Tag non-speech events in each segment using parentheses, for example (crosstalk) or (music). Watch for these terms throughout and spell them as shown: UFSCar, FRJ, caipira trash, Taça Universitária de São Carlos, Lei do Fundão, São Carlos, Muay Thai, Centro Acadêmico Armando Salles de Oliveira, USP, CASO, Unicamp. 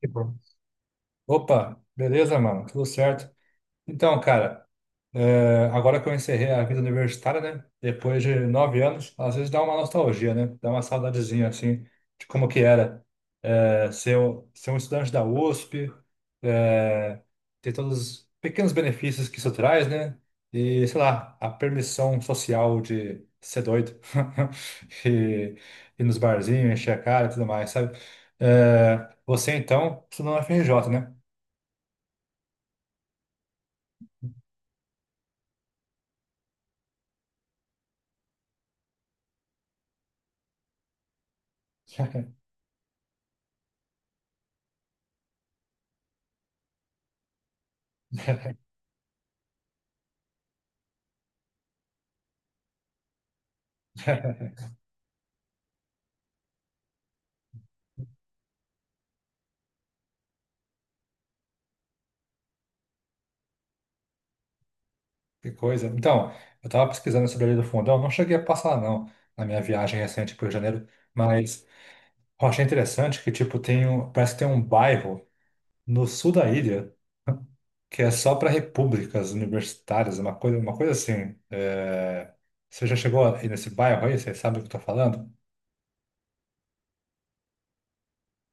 Que bom. Opa, beleza, mano? Tudo certo? Então, cara, agora que eu encerrei a vida universitária, né? Depois de 9 anos, às vezes dá uma nostalgia, né? Dá uma saudadezinha, assim, de como que era ser um estudante da USP, é, ter todos os pequenos benefícios que isso traz, né? E, sei lá, a permissão social de ser doido (laughs) e ir nos barzinhos, encher a cara e tudo mais, sabe? Você, então, estudou na FRJ, né? (laughs) Que coisa. Então, eu estava pesquisando sobre a Lei do Fundão, não cheguei a passar, não, na minha viagem recente para o Rio de Janeiro, mas eu achei interessante que, tipo, tem um, parece que tem um bairro no sul da ilha que é só para repúblicas universitárias, uma coisa assim. Você já chegou aí nesse bairro aí? Você sabe o que eu tô falando?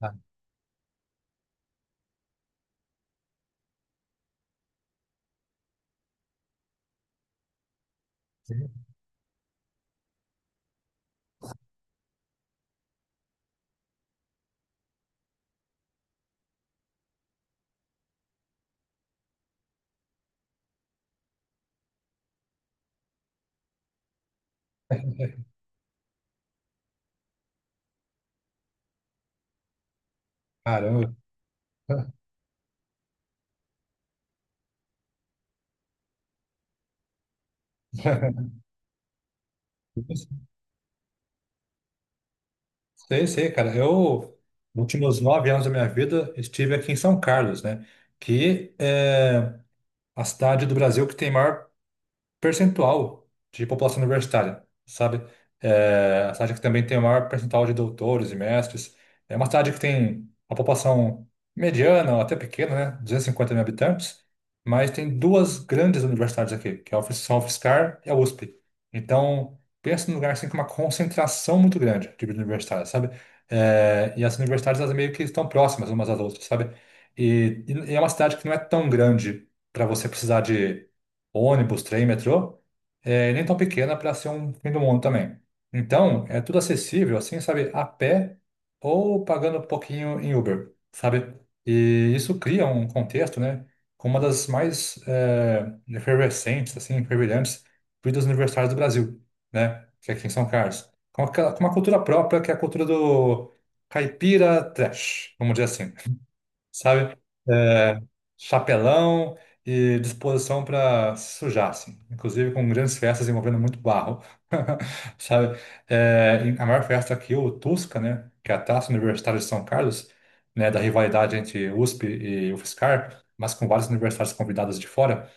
Ah, sim. Caramba. (laughs) Sei, sei, cara. Eu, nos últimos 9 anos da minha vida, estive aqui em São Carlos, né? Que é a cidade do Brasil que tem maior percentual de população universitária, sabe? A cidade que também tem o maior percentual de doutores e mestres. É uma cidade que tem uma população mediana, ou até pequena, né? 250 mil habitantes, mas tem duas grandes universidades aqui, que é a UFSCar e a USP. Então, pensa num lugar assim com uma concentração muito grande de vida universitária, sabe? E as universidades, elas meio que estão próximas umas às outras, sabe? E é uma cidade que não é tão grande para você precisar de ônibus, trem, metrô, e nem tão pequena para ser um fim do mundo também. Então, é tudo acessível, assim, sabe, a pé ou pagando um pouquinho em Uber, sabe? E isso cria um contexto, né, com uma das mais efervescentes, assim, fervilhantes vidas universitárias do Brasil, né, que é aqui em São Carlos. Com uma cultura própria, que é a cultura do caipira trash, vamos dizer assim, sabe? É, chapelão e disposição para se sujar, assim. Inclusive com grandes festas envolvendo muito barro, (laughs) sabe? A maior festa aqui, o Tusca, né? Que é a Taça Universitária de São Carlos, né? Da rivalidade entre USP e UFSCar, mas com vários universitários convidados de fora,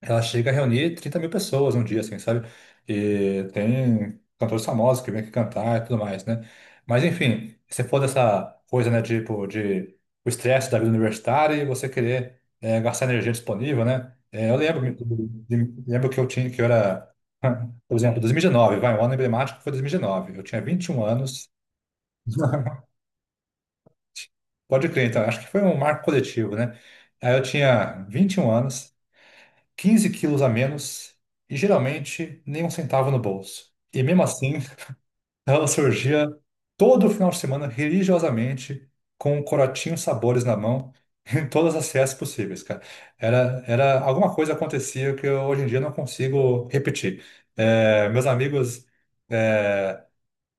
ela chega a reunir 30 mil pessoas um dia, assim, sabe? E tem cantores famosos que vêm aqui cantar e tudo mais, né? Mas, enfim, se for dessa coisa, né, tipo, de o estresse da vida universitária e você querer gastar energia disponível, né? Eu lembro, lembro que eu tinha, que eu era, (laughs) por exemplo, 2019, vai, um ano emblemático foi 2019. Eu tinha 21 anos, (laughs) pode crer, então, acho que foi um marco coletivo, né? Aí eu tinha 21 anos, 15 quilos a menos e geralmente nem um centavo no bolso. E mesmo assim, (laughs) ela surgia todo final de semana religiosamente com um corotinho sabores na mão (laughs) em todas as festas possíveis, cara. Era alguma coisa acontecia que eu, hoje em dia, não consigo repetir. Meus amigos eh,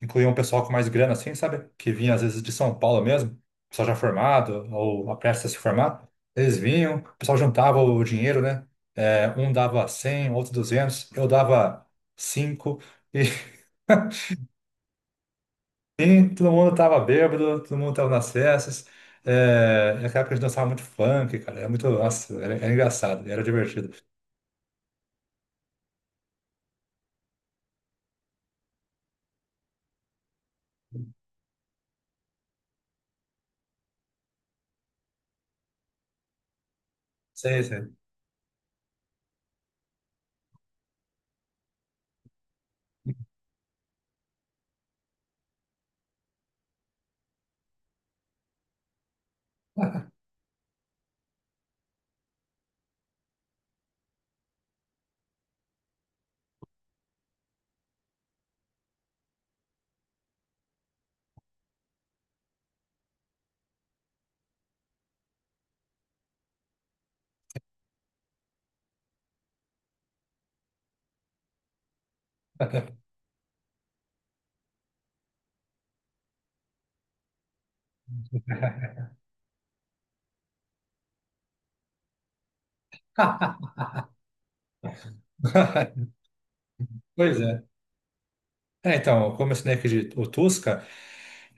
incluía um pessoal com mais grana, assim, sabe? Que vinha às vezes de São Paulo mesmo, pessoal já formado ou a prestes a se formar. Eles vinham, o pessoal juntava o dinheiro, né? Um dava 100, outro 200, eu dava 5. E (laughs) Sim, todo mundo tava bêbado, todo mundo tava nas festas. Naquela época a gente dançava muito funk, cara. Era muito, nossa, era, era engraçado, era divertido. Sei, sei. (laughs) (laughs) Pois é. Então, como eu ensinei aqui o Tusca,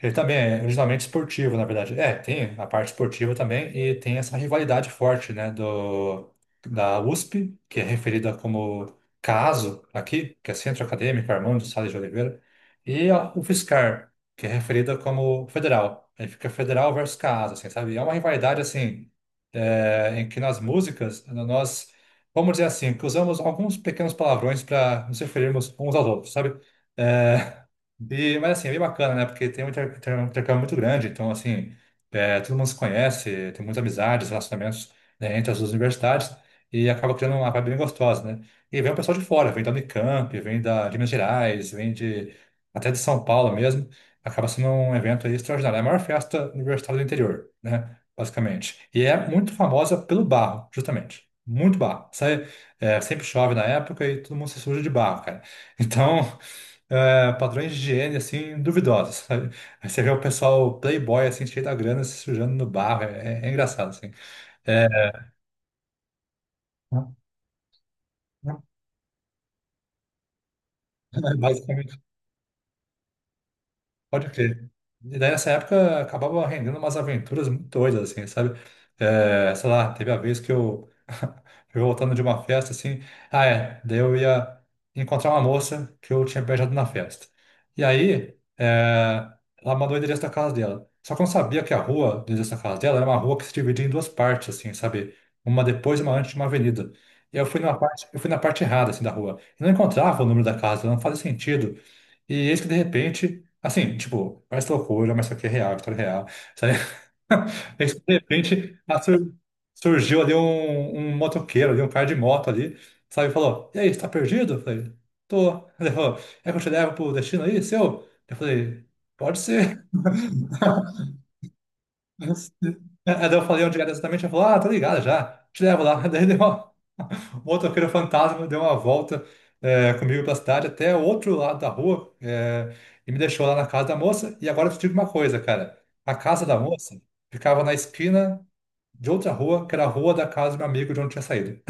ele também é originalmente esportivo, na verdade. Tem a parte esportiva também e tem essa rivalidade forte, né, do, da USP, que é referida como CASO aqui, que é Centro Acadêmico Armando Salles de Oliveira, e a UFSCar, que é referida como Federal. Aí fica Federal versus CASO, assim, sabe? E é uma rivalidade, assim, em que nas músicas nós, vamos dizer assim, que usamos alguns pequenos palavrões para nos referirmos uns aos outros, sabe? É, mas assim, é bem bacana, né? Porque tem um um intercâmbio muito grande, então assim, todo mundo se conhece, tem muitas amizades, relacionamentos, né, entre as duas universidades e acaba criando uma vibe bem gostosa, né? E vem o pessoal de fora, vem da Unicamp, vem de Minas Gerais, vem de até de São Paulo mesmo, acaba sendo um evento aí extraordinário, é a maior festa universitária do interior, né? Basicamente. E é muito famosa pelo barro, justamente. Muito barro. Sai, sempre chove na época e todo mundo se suja de barro, cara. Então, padrões de higiene, assim, duvidosos, sabe? Aí você vê o pessoal playboy, assim, cheio da grana, se sujando no barro, é engraçado, assim. É, (laughs) basicamente. Pode crer. E daí nessa época acabava rendendo umas aventuras muito doidas, assim, sabe? Sei lá, teve a vez que eu (laughs) fui voltando de uma festa, assim, daí eu ia encontrar uma moça que eu tinha beijado na festa. E aí, ela mandou o endereço da casa dela. Só que eu não sabia que a rua do endereço da casa dela era uma rua que se dividia em duas partes, assim, sabe? Uma depois e uma antes de uma avenida. E eu fui na parte errada, assim, da rua. Eu não encontrava o número da casa, não fazia sentido. E eis que de repente, assim, tipo, parece loucura, mas isso aqui é real, história real, sabe? (laughs) Eis que de repente surgiu ali um motoqueiro, ali, um cara de moto ali, sabe? Falou: E aí, você tá perdido? Eu falei: Tô. Ele falou: É que eu te levo pro destino aí, seu? Eu falei: Pode ser. (laughs) Aí eu falei onde era exatamente, ele falou: Ah, tô ligado já, te levo lá. (laughs) Daí deu. O motoqueiro fantasma deu uma volta comigo pela cidade até o outro lado da rua e me deixou lá na casa da moça. E agora eu te digo uma coisa, cara. A casa da moça ficava na esquina de outra rua, que era a rua da casa do meu amigo de onde eu tinha saído.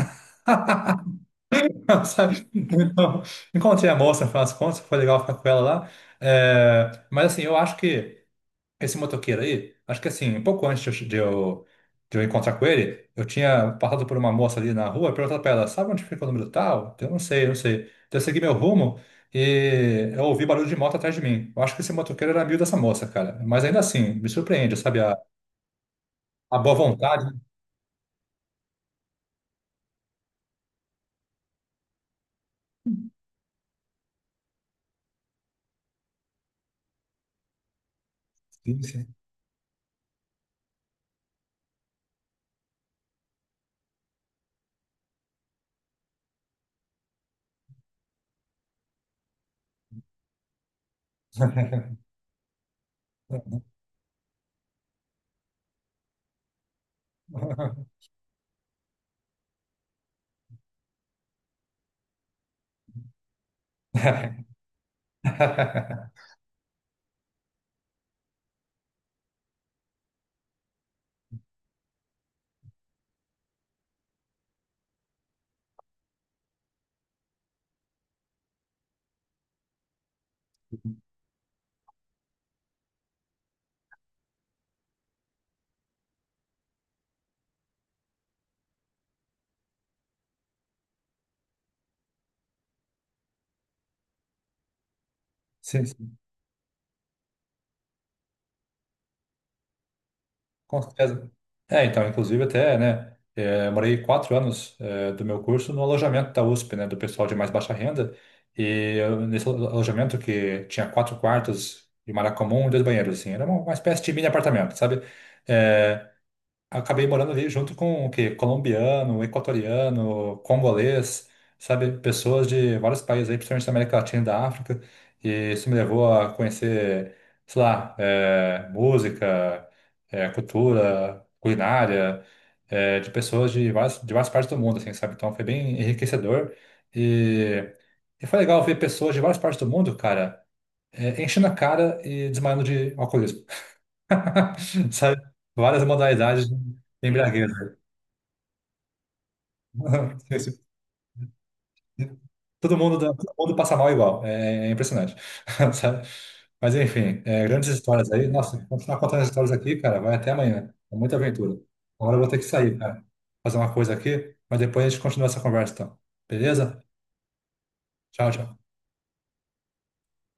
(laughs) Sabe? Então, encontrei a moça, no final das contas, foi legal ficar com ela lá. Mas assim, eu acho que. Esse motoqueiro aí, acho que assim, um pouco antes de eu, encontrar com ele, eu tinha passado por uma moça ali na rua e perguntado pra ela, sabe onde fica o número tal? Eu não sei, eu não sei. Então eu segui meu rumo e eu ouvi barulho de moto atrás de mim. Eu acho que esse motoqueiro era amigo dessa moça, cara. Mas ainda assim, me surpreende, sabe? A boa vontade, né? Sim, sim. (laughs) (laughs) Sim, com certeza. Então, inclusive até, né, morei 4 anos do meu curso no alojamento da USP, né, do pessoal de mais baixa renda, e eu, nesse alojamento que tinha quatro quartos de uma área comum e dois banheiros, assim, era uma espécie de mini apartamento, sabe? É, acabei morando ali junto com o quê? Colombiano, equatoriano, congolês, sabe? Pessoas de vários países aí, principalmente da América Latina e da África. E isso me levou a conhecer, sei lá, música, cultura, culinária, de pessoas de várias partes do mundo, assim, sabe? Então foi bem enriquecedor. E, e foi legal ver pessoas de várias partes do mundo, cara, enchendo a cara e desmaiando de alcoolismo. (laughs) Sabe? Várias modalidades de embriagueza. (laughs) Esse- Todo mundo, todo mundo passa mal igual. É impressionante. (laughs) Sabe? Mas enfim, grandes histórias aí. Nossa, continuar contando as histórias aqui, cara, vai até amanhã. É muita aventura. Agora eu vou ter que sair, cara. Fazer uma coisa aqui, mas depois a gente continua essa conversa, então. Beleza? Tchau, tchau.